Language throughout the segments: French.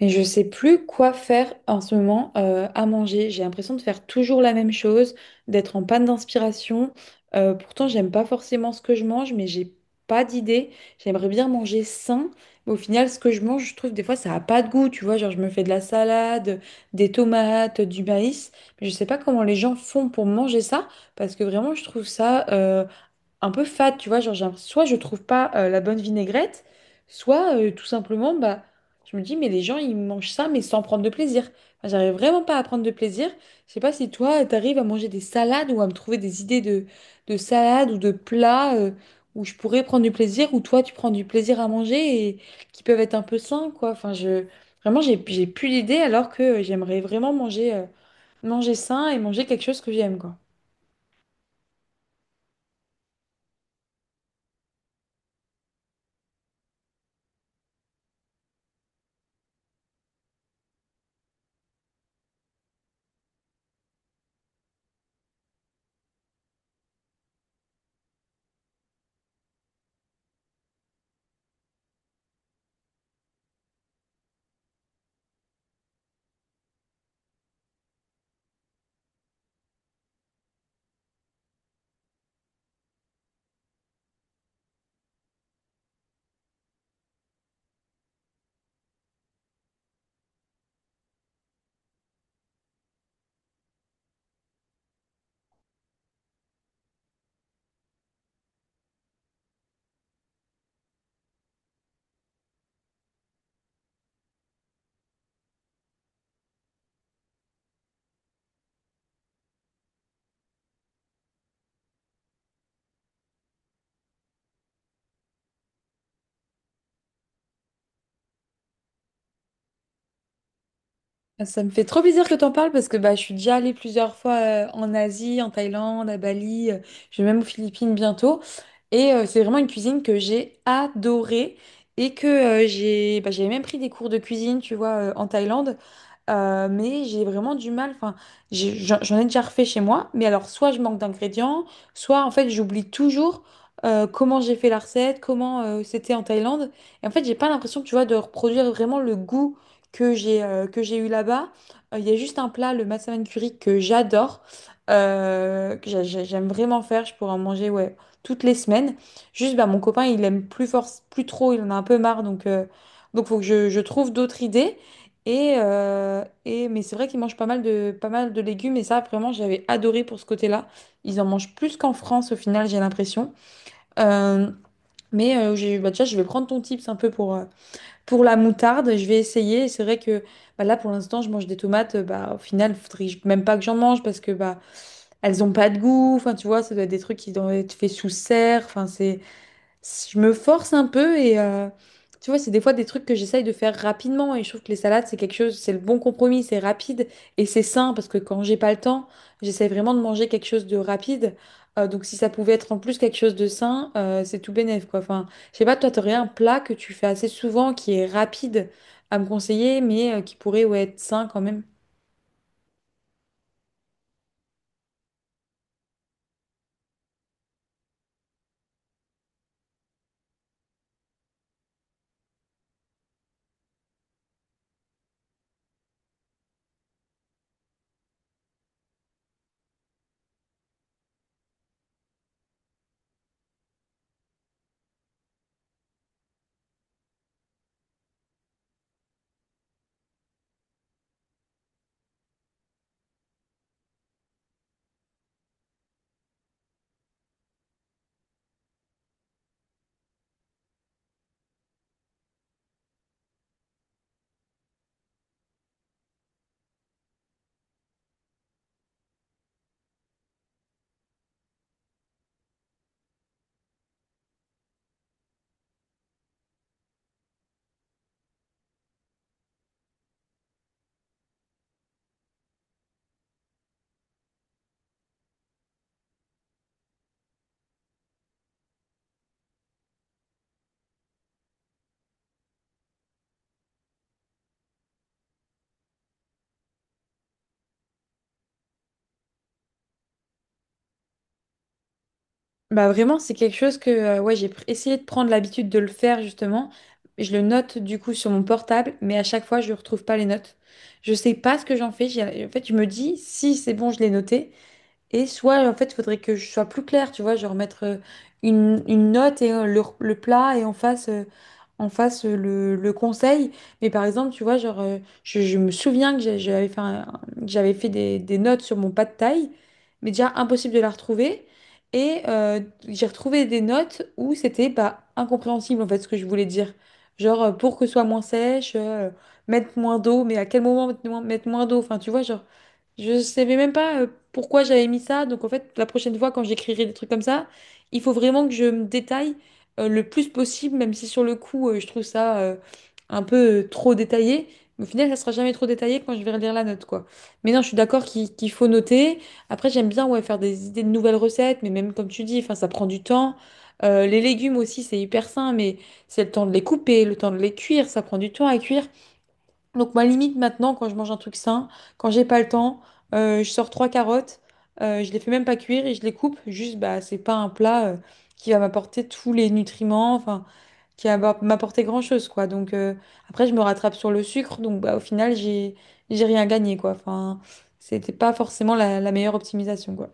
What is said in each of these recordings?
Mais je sais plus quoi faire en ce moment à manger. J'ai l'impression de faire toujours la même chose, d'être en panne d'inspiration. Pourtant, j'aime pas forcément ce que je mange, mais j'ai pas d'idée. J'aimerais bien manger sain, mais au final, ce que je mange, je trouve des fois ça a pas de goût. Tu vois, genre je me fais de la salade, des tomates, du maïs, mais je sais pas comment les gens font pour manger ça, parce que vraiment, je trouve ça, un peu fade, tu vois, genre, soit je trouve pas la bonne vinaigrette, soit tout simplement, bah, je me dis, mais les gens, ils mangent ça, mais sans prendre de plaisir. Enfin, j'arrive vraiment pas à prendre de plaisir. Je sais pas si toi, t'arrives à manger des salades ou à me trouver des idées de salades ou de plats où je pourrais prendre du plaisir, où toi, tu prends du plaisir à manger et qui peuvent être un peu sains, quoi. Enfin, je... Vraiment, j'ai plus d'idées alors que j'aimerais vraiment manger, manger sain et manger quelque chose que j'aime, quoi. Ça me fait trop plaisir que t'en parles parce que bah, je suis déjà allée plusieurs fois en Asie, en Thaïlande, à Bali, je vais même aux Philippines bientôt. Et c'est vraiment une cuisine que j'ai adorée et que j'avais même pris des cours de cuisine, tu vois, en Thaïlande. Mais j'ai vraiment du mal. Enfin, j'en ai déjà refait chez moi, mais alors soit je manque d'ingrédients, soit en fait j'oublie toujours comment j'ai fait la recette, comment c'était en Thaïlande. Et en fait, j'ai pas l'impression, tu vois, de reproduire vraiment le goût que j'ai eu là-bas. Il y a juste un plat, le massaman curry, que j'adore, que j'aime vraiment faire. Je pourrais en manger ouais, toutes les semaines. Juste, bah, mon copain, il aime plus fort plus trop, il en a un peu marre. Donc faut que je trouve d'autres idées. Mais c'est vrai qu'ils mangent pas mal de légumes. Et ça, vraiment, j'avais adoré pour ce côté-là. Ils en mangent plus qu'en France, au final, j'ai l'impression. Euh, mais j'ai, bah, déjà, je vais prendre ton tips un peu pour la moutarde, je vais essayer. C'est vrai que bah, là, pour l'instant, je mange des tomates. Bah, au final, faudrait même pas que j'en mange parce que bah, elles ont pas de goût. Enfin, tu vois, ça doit être des truits qui doivent être faits sous serre. Enfin, c'est je me force un peu et tu vois, c'est des fois des trucs que j'essaye de faire rapidement et je trouve que les salades, c'est quelque chose, c'est le bon compromis, c'est rapide et c'est sain parce que quand j'ai pas le temps, j'essaie vraiment de manger quelque chose de rapide. Donc si ça pouvait être en plus quelque chose de sain, c'est tout bénef quoi. Enfin, je sais pas, toi, t'aurais un plat que tu fais assez souvent qui est rapide à me conseiller mais qui pourrait ouais, être sain quand même. Bah vraiment, c'est quelque chose que ouais, j'ai essayé de prendre l'habitude de le faire justement. Je le note du coup sur mon portable, mais à chaque fois, je ne retrouve pas les notes. Je sais pas ce que j'en fais. En fait, je me dis, si c'est bon, je l'ai noté, et soit, en fait, il faudrait que je sois plus claire, tu vois, genre mettre une note et le plat et on fasse le conseil. Mais par exemple, tu vois, genre, je me souviens que j'avais fait des notes sur mon pas de taille, mais déjà impossible de la retrouver. Et j'ai retrouvé des notes où c'était bah, incompréhensible, en fait, ce que je voulais dire. Genre, pour que ce soit moins sèche, mettre moins d'eau, mais à quel moment mettre moins d'eau? Enfin, tu vois, genre. Je savais même pas pourquoi j'avais mis ça. Donc en fait, la prochaine fois, quand j'écrirai des trucs comme ça, il faut vraiment que je me détaille le plus possible, même si sur le coup, je trouve ça un peu trop détaillé. Mais au final, ça sera jamais trop détaillé quand je vais relire la note, quoi. Mais non, je suis d'accord qu'il faut noter. Après, j'aime bien ouais, faire des idées de nouvelles recettes, mais même comme tu dis, enfin, ça prend du temps. Les légumes aussi, c'est hyper sain, mais c'est le temps de les couper, le temps de les cuire, ça prend du temps à cuire. Donc ma limite maintenant, quand je mange un truc sain, quand j'ai pas le temps, je sors trois carottes, je les fais même pas cuire et je les coupe. Juste, bah, c'est pas un plat qui va m'apporter tous les nutriments, enfin, qui va m'apporter grand-chose, quoi. Donc après, je me rattrape sur le sucre, donc bah, au final, j'ai rien gagné, quoi. Enfin, c'était pas forcément la meilleure optimisation, quoi.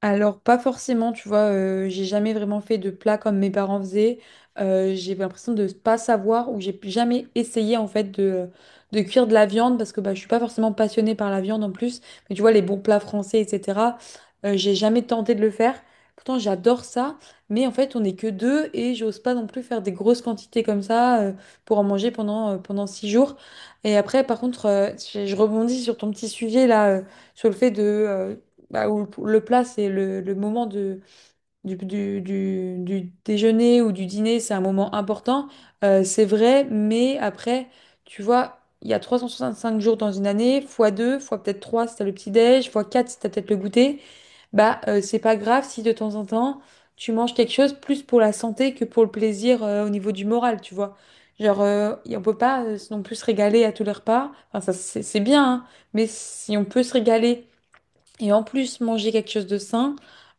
Alors, pas forcément, tu vois, j'ai jamais vraiment fait de plat comme mes parents faisaient. J'ai l'impression de pas savoir ou j'ai jamais essayé en fait de cuire de la viande parce que bah, je suis pas forcément passionnée par la viande en plus. Mais tu vois, les bons plats français, etc., j'ai jamais tenté de le faire. Pourtant, j'adore ça, mais en fait, on n'est que deux et j'ose pas non plus faire des grosses quantités comme ça pour en manger pendant 6 jours. Et après, par contre, je rebondis sur ton petit sujet là, sur le fait de, bah, où le plat, c'est le moment de, du déjeuner ou du dîner, c'est un moment important, c'est vrai, mais après, tu vois, il y a 365 jours dans une année, fois 2, fois peut-être 3, si t'as le petit-déj, fois 4, si t'as peut-être le goûter, bah c'est pas grave si de temps en temps, tu manges quelque chose plus pour la santé que pour le plaisir au niveau du moral, tu vois. Genre, on peut pas non plus se régaler à tous les repas. Enfin, ça, c'est bien, hein, mais si on peut se régaler et en plus, manger quelque chose de sain,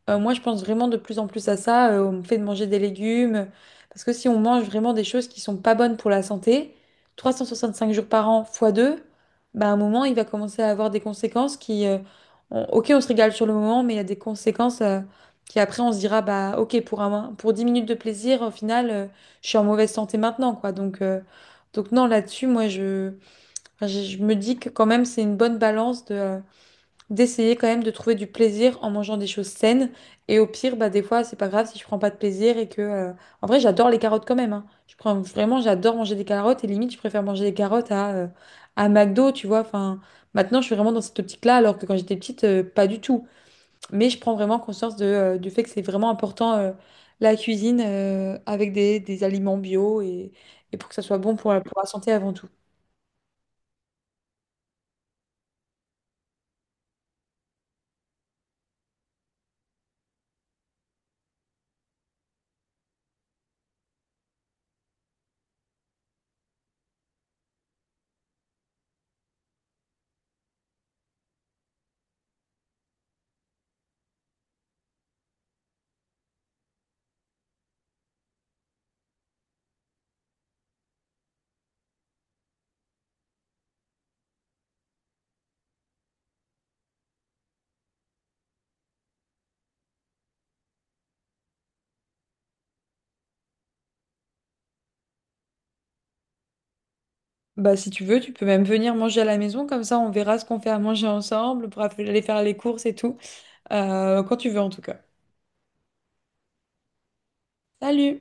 moi je pense vraiment de plus en plus à ça, au fait de manger des légumes. Parce que si on mange vraiment des choses qui sont pas bonnes pour la santé, 365 jours par an fois 2, bah, à un moment il va commencer à avoir des conséquences ok, on se régale sur le moment, mais il y a des conséquences qui après on se dira, bah ok, pour, un, pour 10 minutes de plaisir, au final, je suis en mauvaise santé maintenant, quoi. Donc non, là-dessus, moi je me dis que quand même c'est une bonne balance de. D'essayer quand même de trouver du plaisir en mangeant des choses saines. Et au pire, bah, des fois, c'est pas grave si je prends pas de plaisir et que. En vrai, j'adore les carottes quand même, hein. Vraiment, j'adore manger des carottes et limite, je préfère manger des carottes à McDo, tu vois. Enfin, maintenant, je suis vraiment dans cette optique-là, alors que quand j'étais petite, pas du tout. Mais je prends vraiment conscience du fait que c'est vraiment important la cuisine avec des aliments bio et pour que ça soit bon pour pour la santé avant tout. Bah, si tu veux, tu peux même venir manger à la maison, comme ça on verra ce qu'on fait à manger ensemble pour aller faire les courses et tout. Quand tu veux en tout cas. Salut!